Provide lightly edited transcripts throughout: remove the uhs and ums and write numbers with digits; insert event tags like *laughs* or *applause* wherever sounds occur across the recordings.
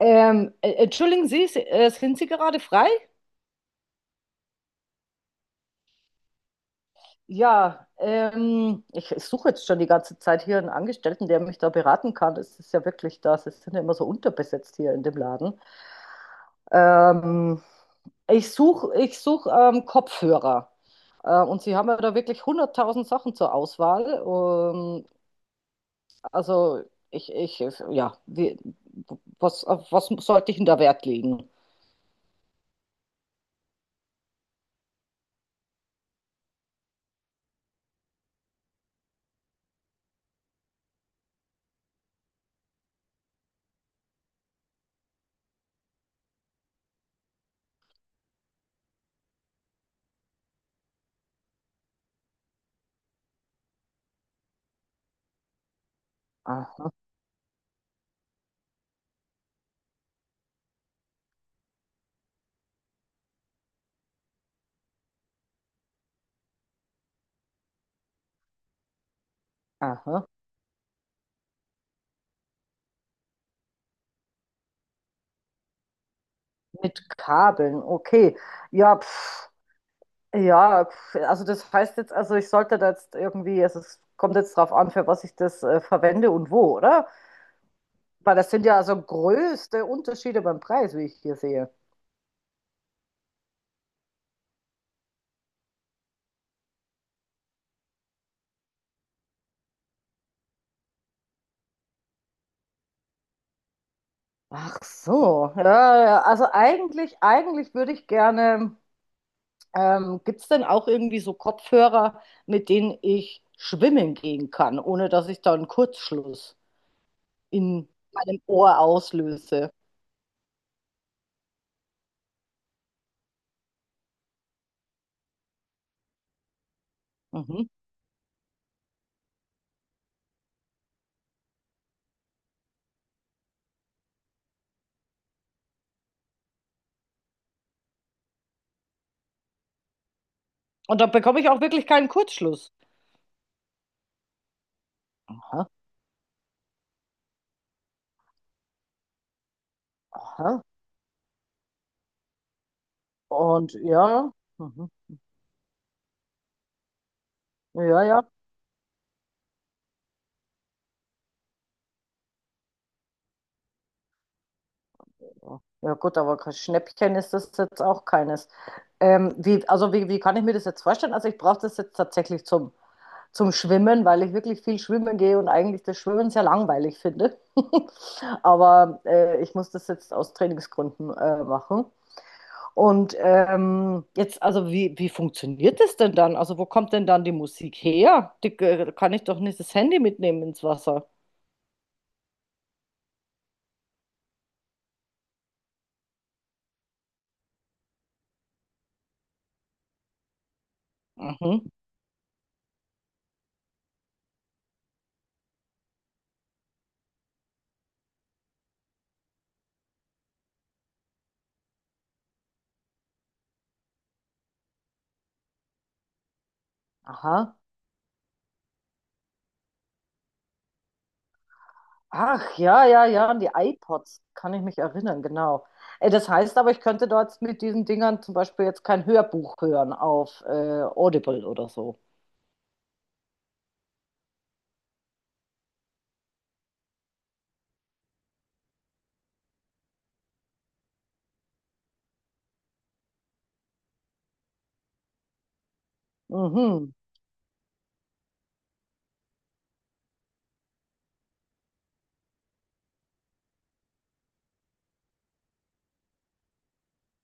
Entschuldigen Sie, sind Sie gerade frei? Ja, ich suche jetzt schon die ganze Zeit hier einen Angestellten, der mich da beraten kann. Es ist ja wirklich das, es sind ja immer so unterbesetzt hier in dem Laden. Ähm, ich suche Kopfhörer. Und Sie haben ja da wirklich hunderttausend Sachen zur Auswahl. Also ich, ich, ja, wie, was, auf was sollte ich denn da Wert legen? Aha, aha. Mit Kabeln, okay. Ja, pf, ja, pf, also das heißt jetzt, also ich sollte da jetzt irgendwie, also es kommt jetzt drauf an, für was ich das verwende und wo, oder? Weil das sind ja also größte Unterschiede beim Preis, wie ich hier sehe. Ach so, ja, ja, ja. Also eigentlich würde ich gerne, gibt es denn auch irgendwie so Kopfhörer, mit denen ich schwimmen gehen kann, ohne dass ich da einen Kurzschluss in meinem Ohr auslöse? Mhm. Und da bekomme ich auch wirklich keinen Kurzschluss. Aha, aha. Und ja, mhm, ja, ja. Ja gut, aber kein Schnäppchen ist das jetzt auch keines. Also wie kann ich mir das jetzt vorstellen? Also ich brauche das jetzt tatsächlich zum, zum Schwimmen, weil ich wirklich viel schwimmen gehe und eigentlich das Schwimmen sehr langweilig finde. *laughs* Aber ich muss das jetzt aus Trainingsgründen machen. Und wie funktioniert das denn dann? Also wo kommt denn dann die Musik her? Die, kann ich doch nicht das Handy mitnehmen ins Wasser. Mhm. Aha. Ach, ja, ja, ja, an die iPods kann ich mich erinnern, genau. Das heißt aber, ich könnte dort mit diesen Dingern zum Beispiel jetzt kein Hörbuch hören auf Audible oder so. Mhm.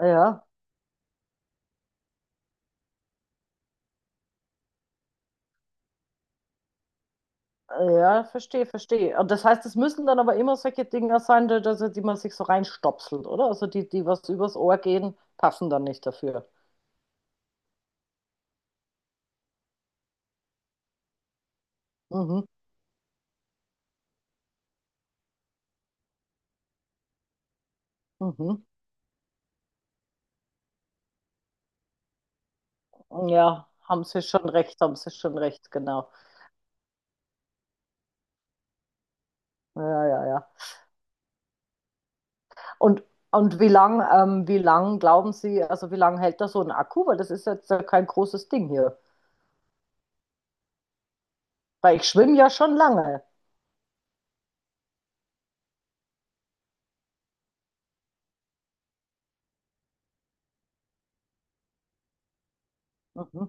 Ja. Ja, verstehe, verstehe. Und das heißt, es müssen dann aber immer solche Dinger sein, die, also die man sich so reinstopselt, oder? Also die, die was übers Ohr gehen, passen dann nicht dafür. Mhm, mhm. Ja, haben Sie schon recht, haben Sie schon recht, genau. Ja, ja, ja. Und, und wie lang, Wie lang glauben Sie, also wie lang hält da so ein Akku? Weil das ist jetzt kein großes Ding hier. Weil ich schwimme ja schon lange. Mhm,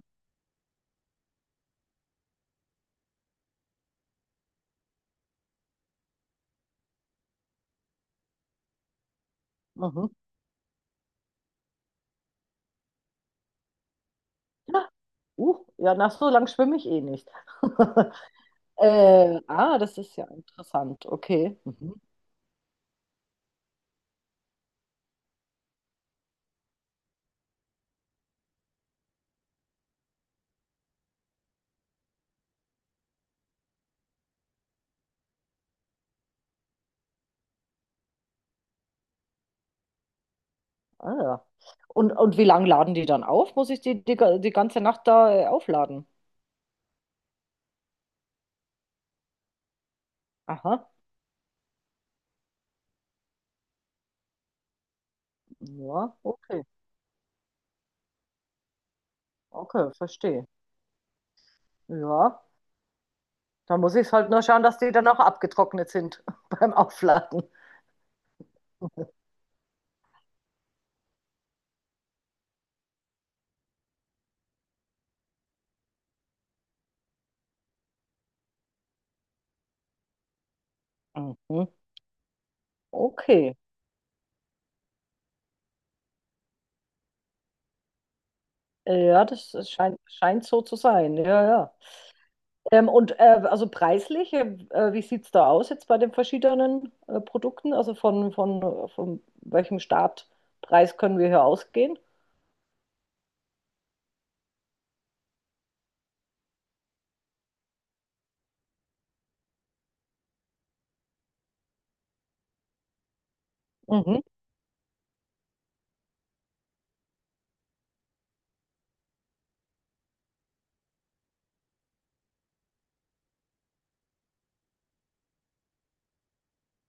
mhm. Ja, uh, ja, nach so lang schwimme ich eh nicht. *laughs* Das ist ja interessant. Okay. Mhm. Ah, ja. Und wie lange laden die dann auf? Muss ich die ganze Nacht da aufladen? Aha. Ja, okay. Okay, verstehe. Ja, dann muss ich halt nur schauen, dass die dann auch abgetrocknet sind *laughs* beim Aufladen. Mhm. Okay. Ja, das scheint so zu sein. Ja, ja. Also preislich, wie sieht es da aus jetzt bei den verschiedenen Produkten? Also von welchem Startpreis können wir hier ausgehen? Mhm.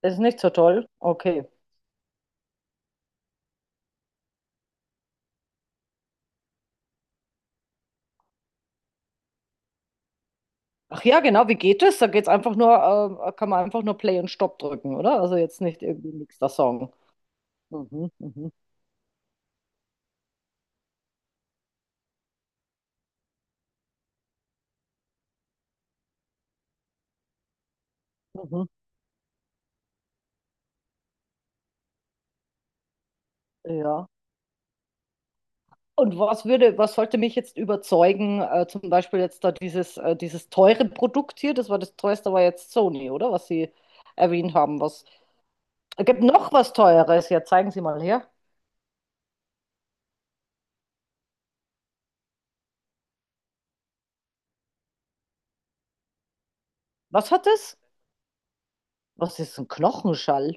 Das ist nicht so toll. Okay. Ach ja, genau, wie geht das? Da geht's einfach nur, kann man einfach nur Play und Stop drücken, oder? Also jetzt nicht irgendwie nächster Song. Mhm, mhm, mhm, ja. Was sollte mich jetzt überzeugen, zum Beispiel jetzt da dieses teure Produkt hier? Das war das teuerste, war jetzt Sony, oder? Was Sie erwähnt haben. Was, es gibt noch was Teures. Ja, zeigen Sie mal her. Was hat es? Was ist ein Knochenschall?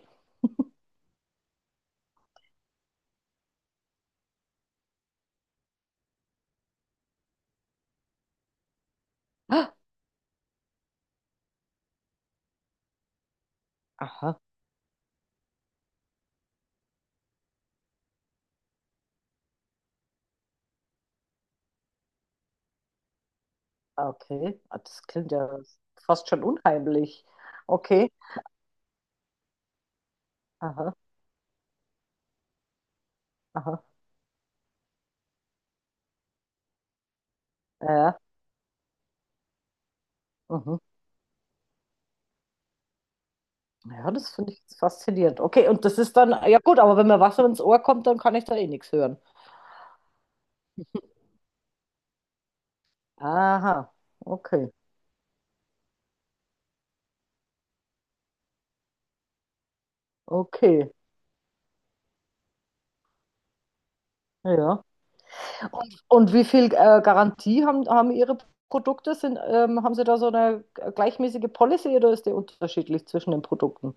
Ah, aha, ah, okay. Ah, das klingt ja fast schon unheimlich. Okay, aha, aha. Ja, ja. Mhm. Ja, das finde ich jetzt faszinierend. Okay, und das ist dann, ja gut, aber wenn mir Wasser ins Ohr kommt, dann kann ich da eh nichts hören. Aha, okay, okay. Ja. Und wie viel Garantie haben Ihre Produkte? Sind, haben Sie da so eine gleichmäßige Policy oder ist die unterschiedlich zwischen den Produkten?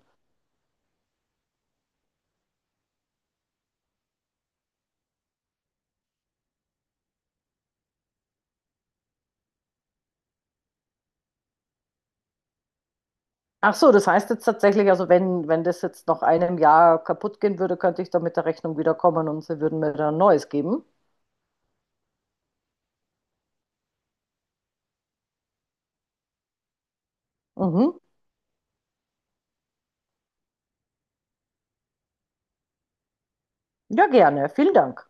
Ach so, das heißt jetzt tatsächlich, also wenn, wenn das jetzt nach einem Jahr kaputt gehen würde, könnte ich da mit der Rechnung wiederkommen und sie würden mir dann ein neues geben. Mhm. Ja, gerne. Vielen Dank.